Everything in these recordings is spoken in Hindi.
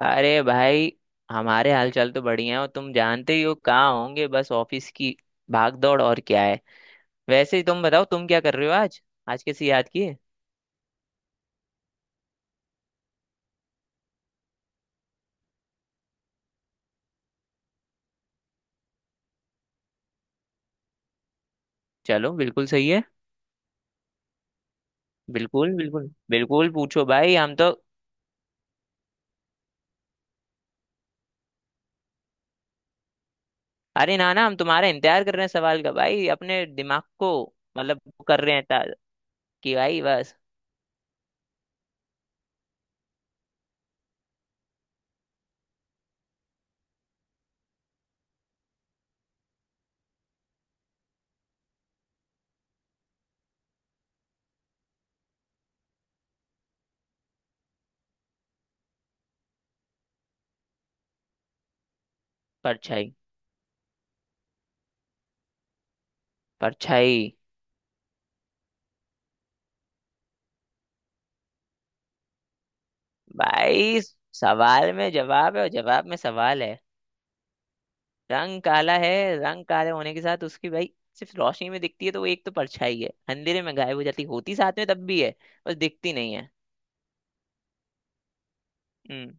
अरे भाई हमारे हालचाल तो बढ़िया है। और तुम जानते ही हो कहाँ होंगे, बस ऑफिस की भाग दौड़ और क्या है। वैसे ही तुम बताओ, तुम क्या कर रहे हो आज? आज कैसे याद किए? चलो बिल्कुल सही है। बिल्कुल बिल्कुल बिल्कुल पूछो भाई, हम तो अरे ना ना हम तुम्हारा इंतजार कर रहे हैं सवाल का, भाई अपने दिमाग को मतलब वो कर रहे हैं ताज़ कि भाई बस। परछाई। परछाई। भाई सवाल में जवाब है और जवाब में सवाल है। रंग काला है, रंग काले होने के साथ उसकी भाई सिर्फ रोशनी में दिखती है, तो वो एक तो परछाई है, अंधेरे में गायब हो जाती होती साथ में तब भी है, बस दिखती नहीं है। हम्म।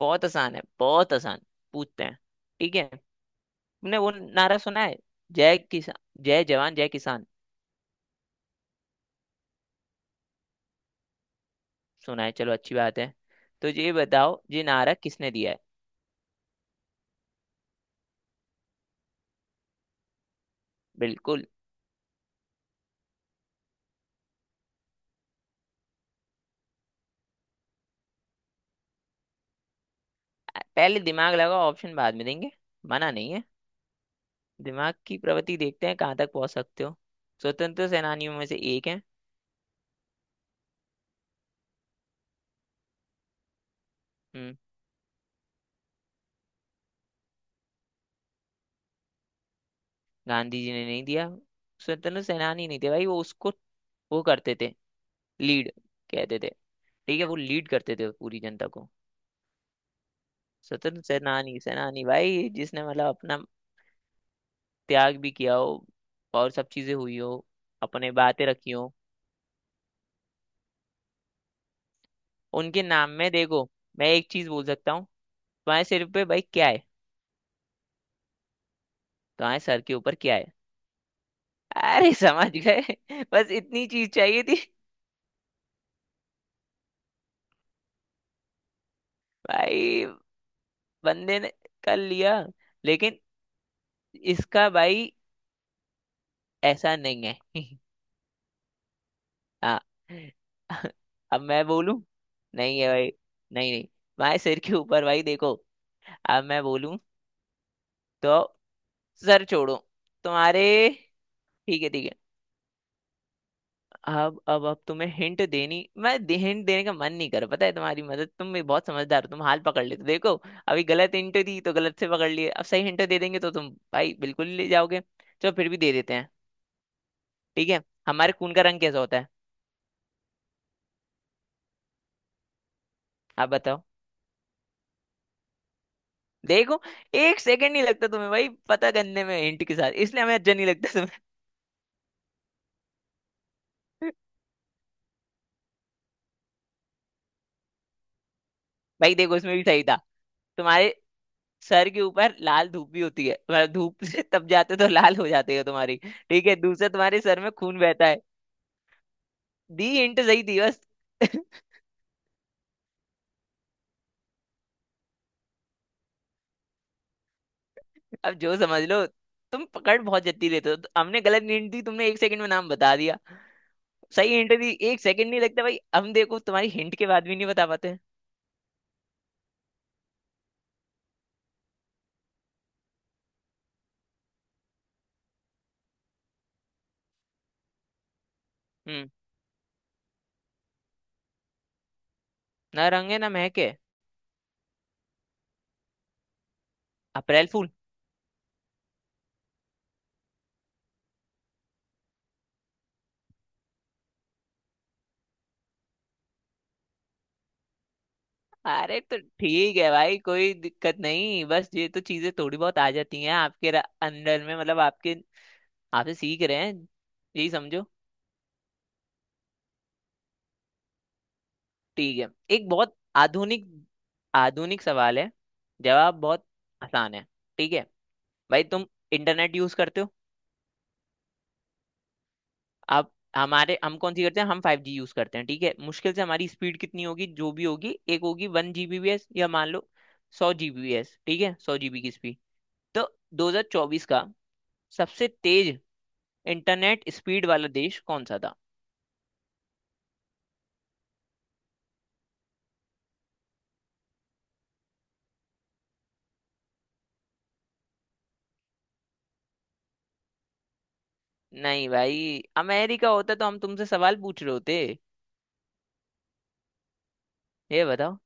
बहुत आसान है, बहुत आसान। पूछते हैं। ठीक है। तुमने वो नारा सुना है, जय किसान, जय जवान जय किसान। सुना है? चलो अच्छी बात है। तो ये बताओ, ये नारा किसने दिया है? बिल्कुल। पहले दिमाग लगाओ, ऑप्शन बाद में देंगे, मना नहीं है। दिमाग की प्रवृत्ति देखते हैं कहाँ तक पहुंच सकते हो। स्वतंत्र सेनानियों में से एक है। हम्म, गांधी जी ने नहीं दिया। स्वतंत्र सेनानी नहीं थे भाई वो, उसको वो करते थे लीड, कहते थे। ठीक है, वो लीड करते थे पूरी जनता को। स्वतंत्र सेनानी सेनानी भाई जिसने मतलब अपना त्याग भी किया हो और सब चीजें हुई हो, अपने बातें रखी हो। उनके नाम में देखो, मैं एक चीज बोल सकता हूँ। तुम्हारे सिर पे भाई क्या है? तुम्हारे सर के ऊपर क्या है? अरे समझ गए। बस इतनी चीज चाहिए थी। भाई बंदे ने कर लिया, लेकिन इसका भाई ऐसा नहीं है। हाँ। अब मैं बोलूं? नहीं है भाई। नहीं नहीं तुम्हारे सिर के ऊपर भाई देखो। अब मैं बोलूं? तो सर छोड़ो तुम्हारे। ठीक है, ठीक है। अब तुम्हें हिंट देनी, मैं हिंट देने का मन नहीं कर रहा, पता है तुम्हारी मदद, तुम भी बहुत समझदार हो, तुम हाल पकड़ लेते हो। देखो, अभी गलत हिंट दी तो गलत से पकड़ लिए, अब सही हिंट दे देंगे तो तुम भाई बिल्कुल ले जाओगे। चलो फिर भी दे देते हैं। ठीक है, हमारे खून का रंग कैसा होता है? आप बताओ। देखो, एक सेकंड नहीं लगता तुम्हें भाई पता करने में हिंट के साथ, इसलिए हमें अच्छा नहीं लगता तुम्हें। भाई देखो इसमें भी सही था। तुम्हारे सर के ऊपर लाल धूप भी होती है, तुम्हारा धूप से तप जाते हो तो लाल हो जाती है तुम्हारी, ठीक है। दूसरा, तुम्हारे सर में खून बहता है, दी हिंट सही थी बस। अब जो समझ लो। तुम पकड़ बहुत जल्दी लेते हो तो हमने गलत हिंट दी, तुमने एक सेकंड में नाम बता दिया। सही हिंट दी, एक सेकंड नहीं लगता भाई, हम देखो तुम्हारी हिंट के बाद भी नहीं बता पाते। हम्म। ना रंग है ना महक है, अप्रैल फूल। अरे तो ठीक है भाई, कोई दिक्कत नहीं, बस ये तो चीजें थोड़ी बहुत आ जाती हैं आपके अंडर में, मतलब आपके आपसे सीख रहे हैं, यही समझो। ठीक है, एक बहुत आधुनिक आधुनिक सवाल है, जवाब बहुत आसान है, ठीक है। भाई तुम इंटरनेट यूज करते हो? आप हमारे हम कौन सी करते हैं, हम फाइव जी यूज करते हैं, ठीक है। मुश्किल से हमारी स्पीड कितनी होगी, जो भी होगी, एक होगी वन जीबीपीएस, या मान लो सौ जीबीपीएस, ठीक है, सौ जीबी की स्पीड। तो 2024 का सबसे तेज इंटरनेट स्पीड वाला देश कौन सा था? नहीं भाई, अमेरिका होता तो हम तुमसे सवाल पूछ रहे होते? ये बताओ।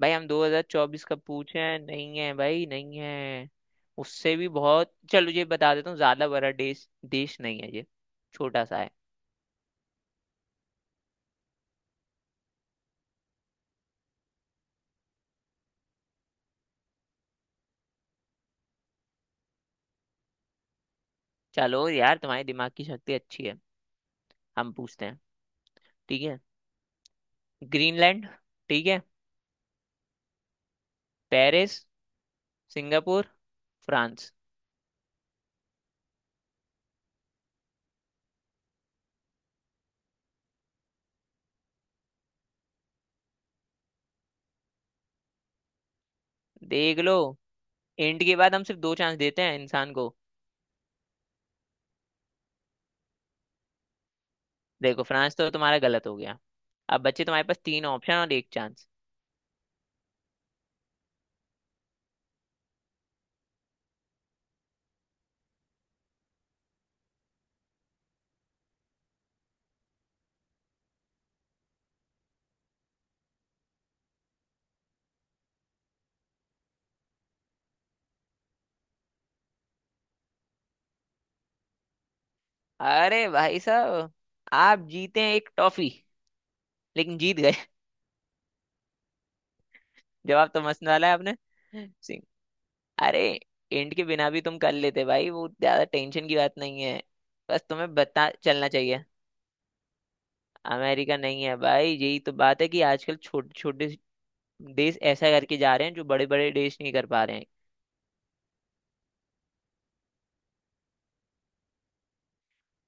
भाई हम 2024 का पूछे हैं, नहीं है भाई, नहीं है। उससे भी बहुत, चलो ये बता देता हूँ, ज्यादा बड़ा देश, देश नहीं है ये, छोटा सा है। चलो यार तुम्हारे दिमाग की शक्ति अच्छी है। हम पूछते हैं, ठीक है। ग्रीनलैंड, ठीक है, पेरिस, सिंगापुर, फ्रांस। देख लो, इंट के बाद हम सिर्फ दो चांस देते हैं इंसान को। देखो फ्रांस तो तुम्हारा गलत हो गया, अब बच्चे तुम्हारे पास तीन ऑप्शन और एक चांस। अरे भाई साहब, आप जीते हैं एक टॉफी, लेकिन जीत गए। जवाब तो मस्त डाला है आपने, सिंह। अरे एंड के बिना भी तुम कर लेते भाई, वो ज्यादा टेंशन की बात नहीं है, बस तुम्हें बता चलना चाहिए। अमेरिका नहीं है भाई, यही तो बात है कि आजकल छोटे छोटे देश ऐसा करके जा रहे हैं जो बड़े बड़े देश नहीं कर पा रहे हैं।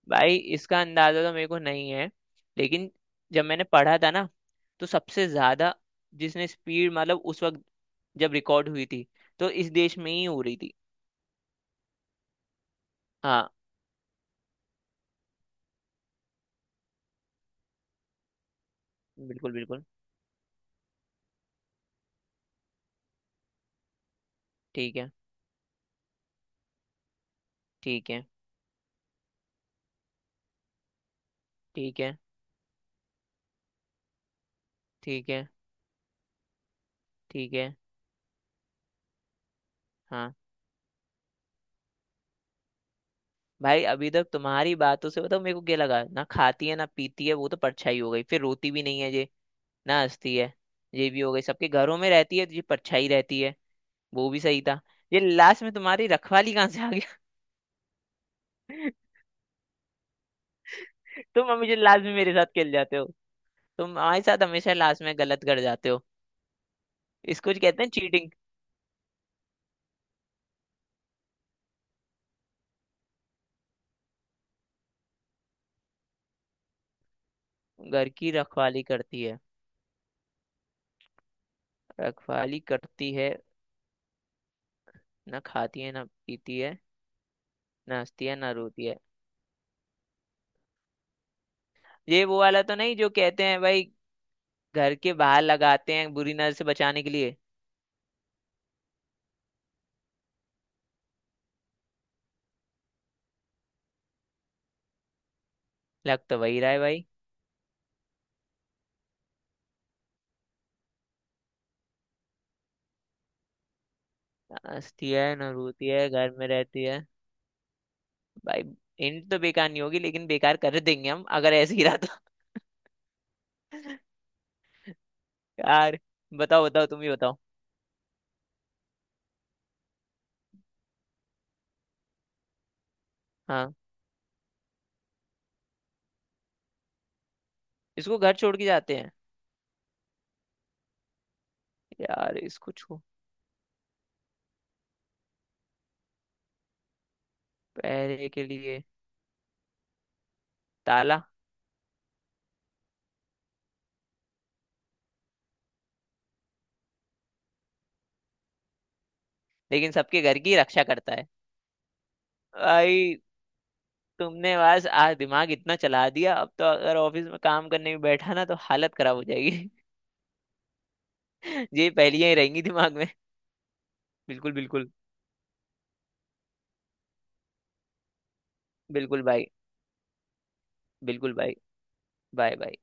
भाई इसका अंदाजा तो मेरे को नहीं है, लेकिन जब मैंने पढ़ा था ना तो सबसे ज्यादा जिसने स्पीड मतलब उस वक्त, जब रिकॉर्ड हुई थी, तो इस देश में ही हो रही थी। हाँ। बिल्कुल बिल्कुल। ठीक है, ठीक है। ठीक है। ठीक है। ठीक है। हाँ। भाई अभी तक तुम्हारी बातों से बताओ मेरे को क्या लगा, ना खाती है ना पीती है, वो तो परछाई हो गई, फिर रोती भी नहीं है ये, ना हंसती है, ये भी हो गई, सबके घरों में रहती है तो ये परछाई रहती है, वो भी सही था। ये लास्ट में तुम्हारी रखवाली कहाँ से आ गया? तुम हमेशा लास्ट में मेरे साथ खेल जाते हो, तुम हमारे साथ हमेशा लास्ट में गलत कर जाते हो, इसको जो कहते हैं चीटिंग। घर की रखवाली करती है, रखवाली करती है, ना खाती है ना पीती है, ना हंसती है ना रोती है। ये वो वाला तो नहीं जो कहते हैं भाई, घर के बाहर लगाते हैं बुरी नजर से बचाने के लिए? लग तो वही रहा है भाई। ना हंसती है ना रोती है, घर में रहती है। भाई हिंट तो बेकार नहीं होगी, लेकिन बेकार कर देंगे हम अगर ऐसे ही रहा तो। यार बताओ बताओ, तुम ही बताओ। हाँ, इसको घर छोड़ के जाते हैं। यार इसको छू, पहरे के लिए, ताला। लेकिन सबके घर की रक्षा करता है। भाई तुमने बस आज दिमाग इतना चला दिया, अब तो अगर ऑफिस में काम करने भी बैठा ना तो हालत खराब हो जाएगी। ये पहेलियां ही रहेंगी दिमाग में। बिल्कुल बिल्कुल। बिल्कुल भाई। बिल्कुल भाई। Bye bye.